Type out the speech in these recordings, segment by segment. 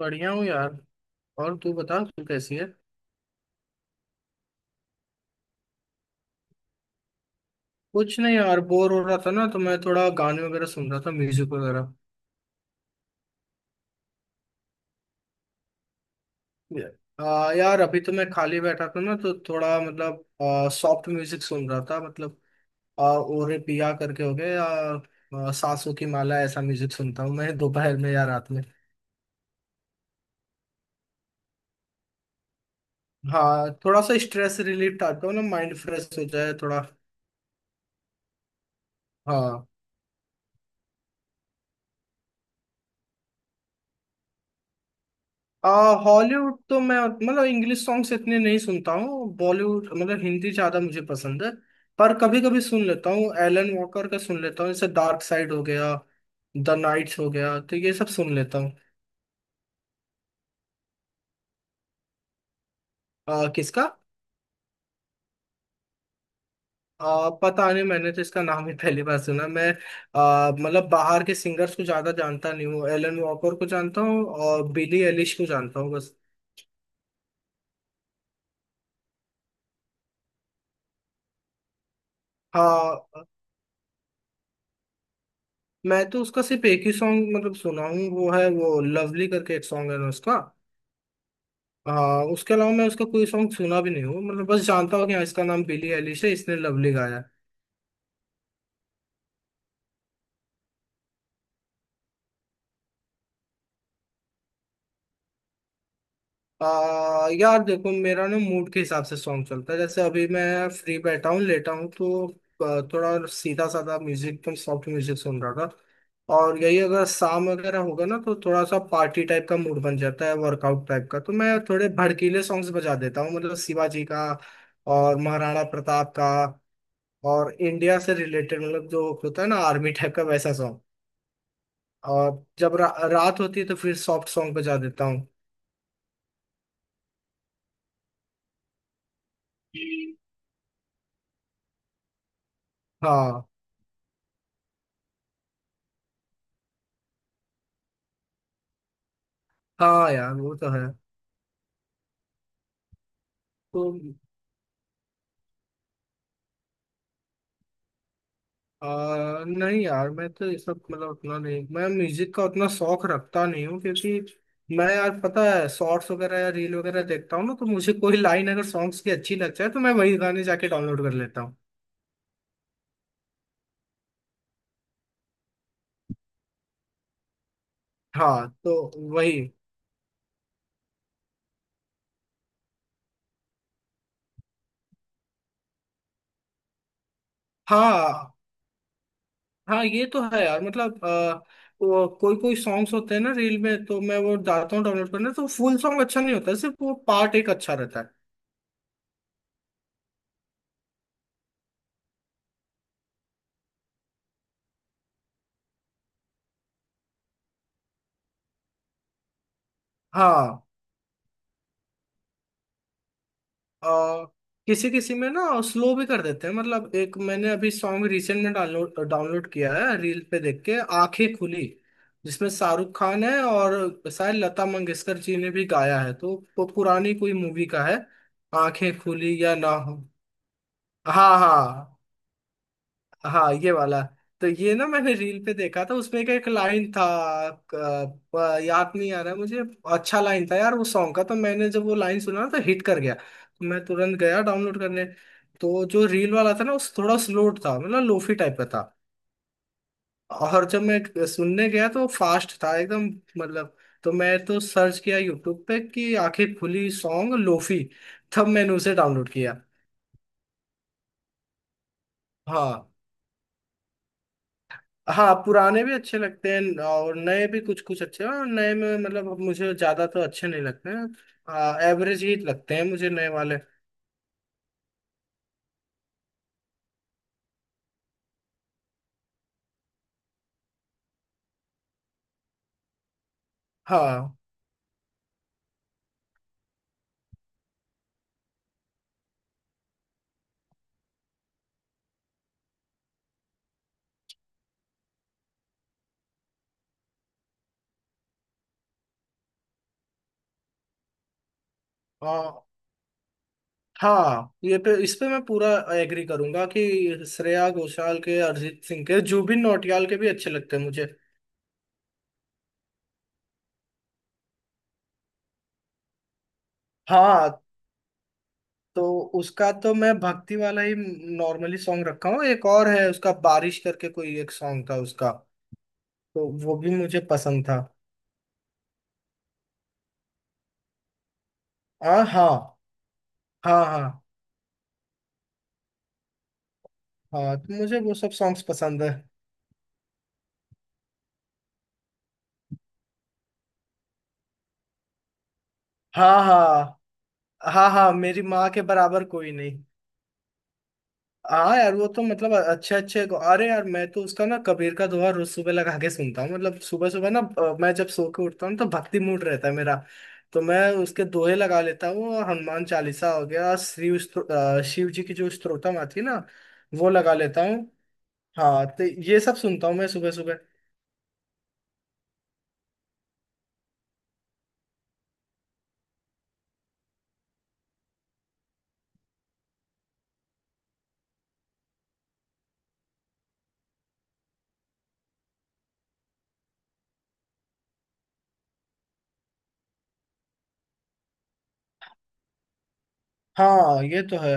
बढ़िया हूँ यार। और तू बता, तू कैसी है। कुछ नहीं यार, बोर हो रहा था ना तो मैं थोड़ा गाने वगैरह सुन रहा था, म्यूजिक वगैरह। यार अभी तो मैं खाली बैठा था ना तो थोड़ा मतलब सॉफ्ट म्यूजिक सुन रहा था मतलब। ओरे पिया करके हो गए या, सांसों की माला ऐसा म्यूजिक सुनता हूँ मैं दोपहर में या रात में। हाँ थोड़ा सा स्ट्रेस रिलीफ टाइप का हो ना, माइंड फ्रेश हो जाए थोड़ा। हाँ। आ, हॉलीवुड तो मैं मतलब इंग्लिश सॉन्ग्स इतने नहीं सुनता हूँ, बॉलीवुड मतलब हिंदी ज्यादा मुझे पसंद है। पर कभी कभी सुन लेता हूँ, एलन वॉकर का सुन लेता हूँ, जैसे डार्क साइड हो गया, द नाइट्स हो गया, तो ये सब सुन लेता हूँ। किसका? पता नहीं, मैंने तो इसका नाम ही पहली बार सुना। मैं मतलब बाहर के सिंगर्स को ज्यादा जानता नहीं हूँ, एलन वॉकर को जानता हूँ और बिली एलिश को जानता हूँ बस। हाँ, मैं तो उसका सिर्फ एक ही सॉन्ग मतलब सुना हूँ, वो है वो लवली करके एक सॉन्ग है ना उसका। हाँ उसके अलावा मैं उसका कोई सॉन्ग सुना भी नहीं हूँ, मतलब बस जानता हूँ कि हाँ इसका नाम बिली एलिश है, इसने लवली गाया है। यार देखो, मेरा ना मूड के हिसाब से सॉन्ग चलता है। जैसे अभी मैं फ्री बैठा हूँ, लेटा हूँ, तो थोड़ा सीधा साधा म्यूजिक तो सॉफ्ट म्यूजिक सुन रहा था। और यही अगर शाम वगैरह होगा ना तो थोड़ा सा पार्टी टाइप का मूड बन जाता है, वर्कआउट टाइप का, तो मैं थोड़े भड़कीले सॉन्ग्स बजा देता हूँ, मतलब शिवाजी का और महाराणा प्रताप का। और इंडिया से रिलेटेड मतलब जो होता है ना आर्मी टाइप का, वैसा। और रात होती है तो फिर सॉफ्ट सॉन्ग बजा देता हूँ। हाँ। हाँ यार वो तो है। तो नहीं यार, मैं तो ये सब मतलब उतना नहीं, मैं म्यूजिक का उतना शौक रखता नहीं हूँ, क्योंकि मैं यार पता है शॉर्ट्स वगैरह या रील वगैरह देखता हूँ ना, तो मुझे कोई लाइन अगर सॉन्ग्स की अच्छी लग जाए तो मैं वही गाने जाके डाउनलोड कर लेता हूँ। हाँ तो वही। हाँ हाँ ये तो है यार, मतलब वो कोई कोई सॉन्ग्स होते हैं ना रील में, तो मैं वो डालता हूँ डाउनलोड करना, तो फुल सॉन्ग अच्छा नहीं होता, सिर्फ वो पार्ट एक अच्छा रहता है। हाँ। आ, किसी किसी में ना स्लो भी कर देते हैं। मतलब एक मैंने अभी सॉन्ग रिसेंट में डाउनलोड डाउनलोड किया है, रील पे देख के, आंखें खुली, जिसमें शाहरुख खान है और शायद लता मंगेशकर जी ने भी गाया है, तो वो पुरानी कोई मूवी का है, आंखें खुली या ना हो। हाँ हाँ। हाँ ये वाला। तो ये ना मैंने रील पे देखा था, उसमें का एक लाइन था, याद नहीं आ रहा मुझे। अच्छा लाइन था यार वो सॉन्ग का, तो मैंने जब वो लाइन सुना ना, तो हिट कर गया, तो मैं तुरंत गया डाउनलोड करने। तो जो रील वाला था ना उस थोड़ा स्लो था, मतलब लोफी टाइप का था। और जब मैं सुनने गया तो फास्ट था एकदम, मतलब। तो मैं तो सर्च किया यूट्यूब पे कि आंखें खुली सॉन्ग लोफी, तब मैंने उसे डाउनलोड किया। हाँ हाँ पुराने भी अच्छे लगते हैं और नए भी कुछ कुछ अच्छे हैं, और नए में मतलब मुझे ज्यादा तो अच्छे नहीं लगते हैं। हाँ, एवरेज ही लगते हैं मुझे नए वाले। हाँ हाँ हाँ ये पे, इस पे मैं पूरा एग्री करूंगा कि श्रेया घोषाल के, अरिजीत सिंह के, जुबिन नौटियाल के भी अच्छे लगते हैं मुझे। हाँ तो उसका तो मैं भक्ति वाला ही नॉर्मली सॉन्ग रखा हूँ। एक और है उसका, बारिश करके कोई एक सॉन्ग था उसका, तो वो भी मुझे पसंद था। हाँ हाँ। हाँ हाँ। हाँ तो मुझे वो सब सॉन्ग्स पसंद है। हाँ हाँ हाँ। हाँ मेरी माँ के बराबर कोई नहीं। हाँ यार वो तो मतलब अच्छे अच्छे। अरे यार मैं तो उसका ना कबीर का दोहा रोज सुबह लगा के सुनता हूँ। मतलब सुबह सुबह ना, मैं जब सो के उठता हूँ तो भक्ति मूड रहता है मेरा, तो मैं उसके दोहे लगा लेता हूँ। हनुमान चालीसा हो गया, शिव जी की जो स्त्रोतम आती है ना, वो लगा लेता हूँ। हाँ तो ये सब सुनता हूँ मैं सुबह सुबह। हाँ ये तो है।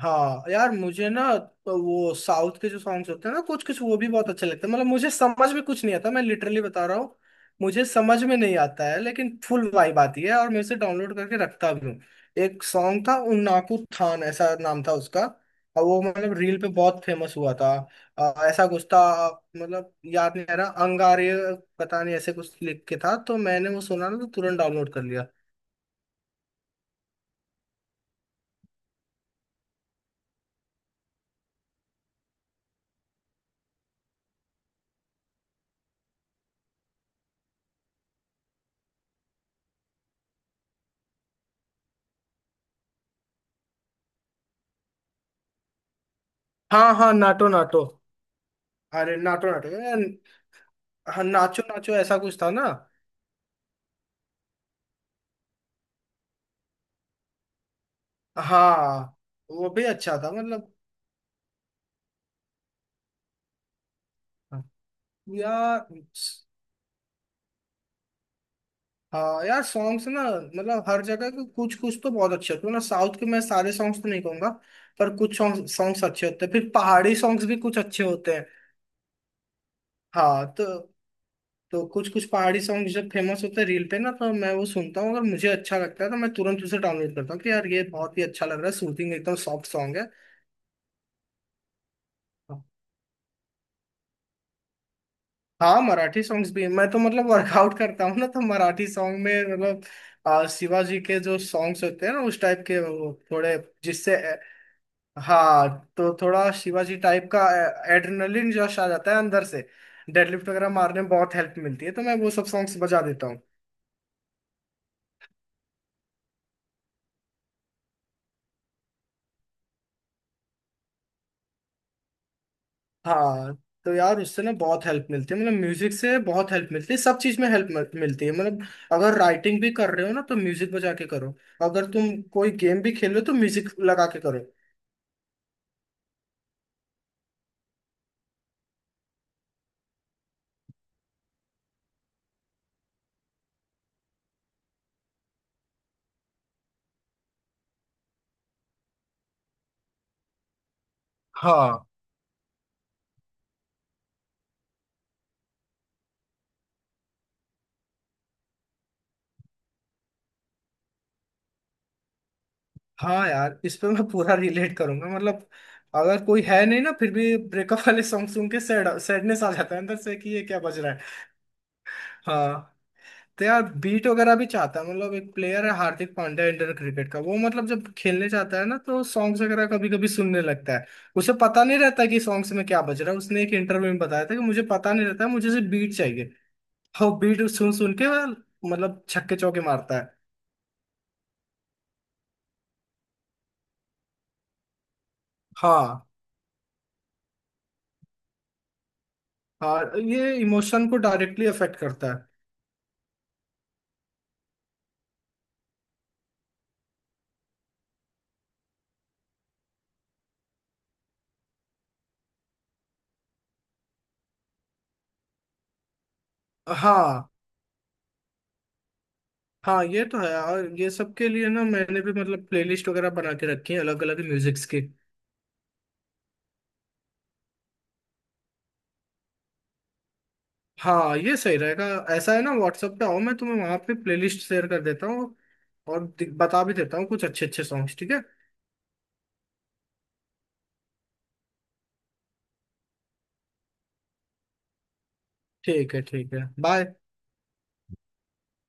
हाँ यार मुझे ना तो वो साउथ के जो सॉन्ग्स होते हैं ना कुछ कुछ, वो भी बहुत अच्छे लगते हैं। मतलब मुझे समझ में कुछ नहीं आता, मैं लिटरली बता रहा हूँ, मुझे समझ में नहीं आता है, लेकिन फुल वाइब आती है और मैं इसे डाउनलोड करके रखता भी हूँ। एक सॉन्ग था उन्नाकू थान, ऐसा नाम था उसका, और वो मतलब रील पे बहुत फेमस हुआ था। ऐसा कुछ था, मतलब याद नहीं आ रहा, अंगारे पता नहीं ऐसे कुछ लिख के था, तो मैंने वो सुना ना तो तुरंत डाउनलोड कर लिया। हाँ हाँ नाटो नाटो। अरे नाटो नाटो। हाँ नाचो नाचो ऐसा कुछ था ना। हाँ वो भी अच्छा था मतलब। यार, हाँ यार सॉन्ग्स ना मतलब हर जगह के कुछ कुछ तो बहुत अच्छे होते हैं ना। साउथ के मैं सारे सॉन्ग्स तो नहीं कहूंगा, पर कुछ सॉन्ग्स अच्छे होते हैं। फिर पहाड़ी सॉन्ग्स भी कुछ अच्छे होते हैं। हाँ तो कुछ कुछ पहाड़ी सॉन्ग्स जब फेमस होते हैं रील पे ना तो मैं वो सुनता हूँ, अगर मुझे अच्छा लगता है तो मैं तुरंत उसे डाउनलोड करता हूँ कि यार ये बहुत ही अच्छा लग रहा है, सूथिंग एकदम, सॉफ्ट सॉन्ग है। हाँ मराठी सॉन्ग्स भी, मैं तो मतलब वर्कआउट करता हूँ ना तो मराठी सॉन्ग में मतलब शिवाजी के जो सॉन्ग्स होते हैं ना उस टाइप के, वो थोड़े जिससे, हाँ। तो थोड़ा शिवाजी टाइप का एड्रेनलिन जश आ जाता है अंदर से, डेडलिफ्ट वगैरह मारने में बहुत हेल्प मिलती है, तो मैं वो सब सॉन्ग्स बजा देता हूँ। हाँ। तो यार उससे ना बहुत हेल्प मिलती है, मतलब म्यूजिक से बहुत हेल्प मिलती है, सब चीज में हेल्प मिलती है मतलब। अगर राइटिंग भी कर रहे हो ना तो म्यूजिक बजा के करो, अगर तुम कोई गेम भी खेल रहे हो तो म्यूजिक लगा के करो। हाँ। हाँ यार इस पे मैं पूरा रिलेट करूंगा, मतलब अगर कोई है नहीं ना फिर भी ब्रेकअप वाले सॉन्ग सुन के सैड, सैडनेस आ जाता है अंदर से कि ये क्या बज रहा है। हाँ। तो यार बीट वगैरह भी चाहता है। मतलब एक प्लेयर है, हार्दिक पांड्या, इंडियन क्रिकेट का, वो मतलब जब खेलने जाता है ना तो सॉन्ग्स वगैरह कभी कभी सुनने लगता है। उसे पता नहीं रहता कि सॉन्ग्स में क्या बज रहा है, उसने एक इंटरव्यू में बताया था कि मुझे पता नहीं रहता, मुझे सिर्फ बीट चाहिए। और बीट सुन सुन के वह मतलब छक्के चौके मारता है। हाँ। हाँ ये इमोशन को डायरेक्टली अफेक्ट करता है। हाँ। हाँ ये तो है। और ये सब के लिए ना मैंने भी मतलब प्लेलिस्ट वगैरह बना के रखी है, अलग अलग म्यूजिक्स की। हाँ ये सही रहेगा। ऐसा है ना व्हाट्सएप पे आओ, मैं तुम्हें वहां पे प्लेलिस्ट शेयर कर देता हूँ, और बता भी देता हूँ कुछ अच्छे अच्छे सॉन्ग्स, ठीक है। ठीक है ठीक है, बाय।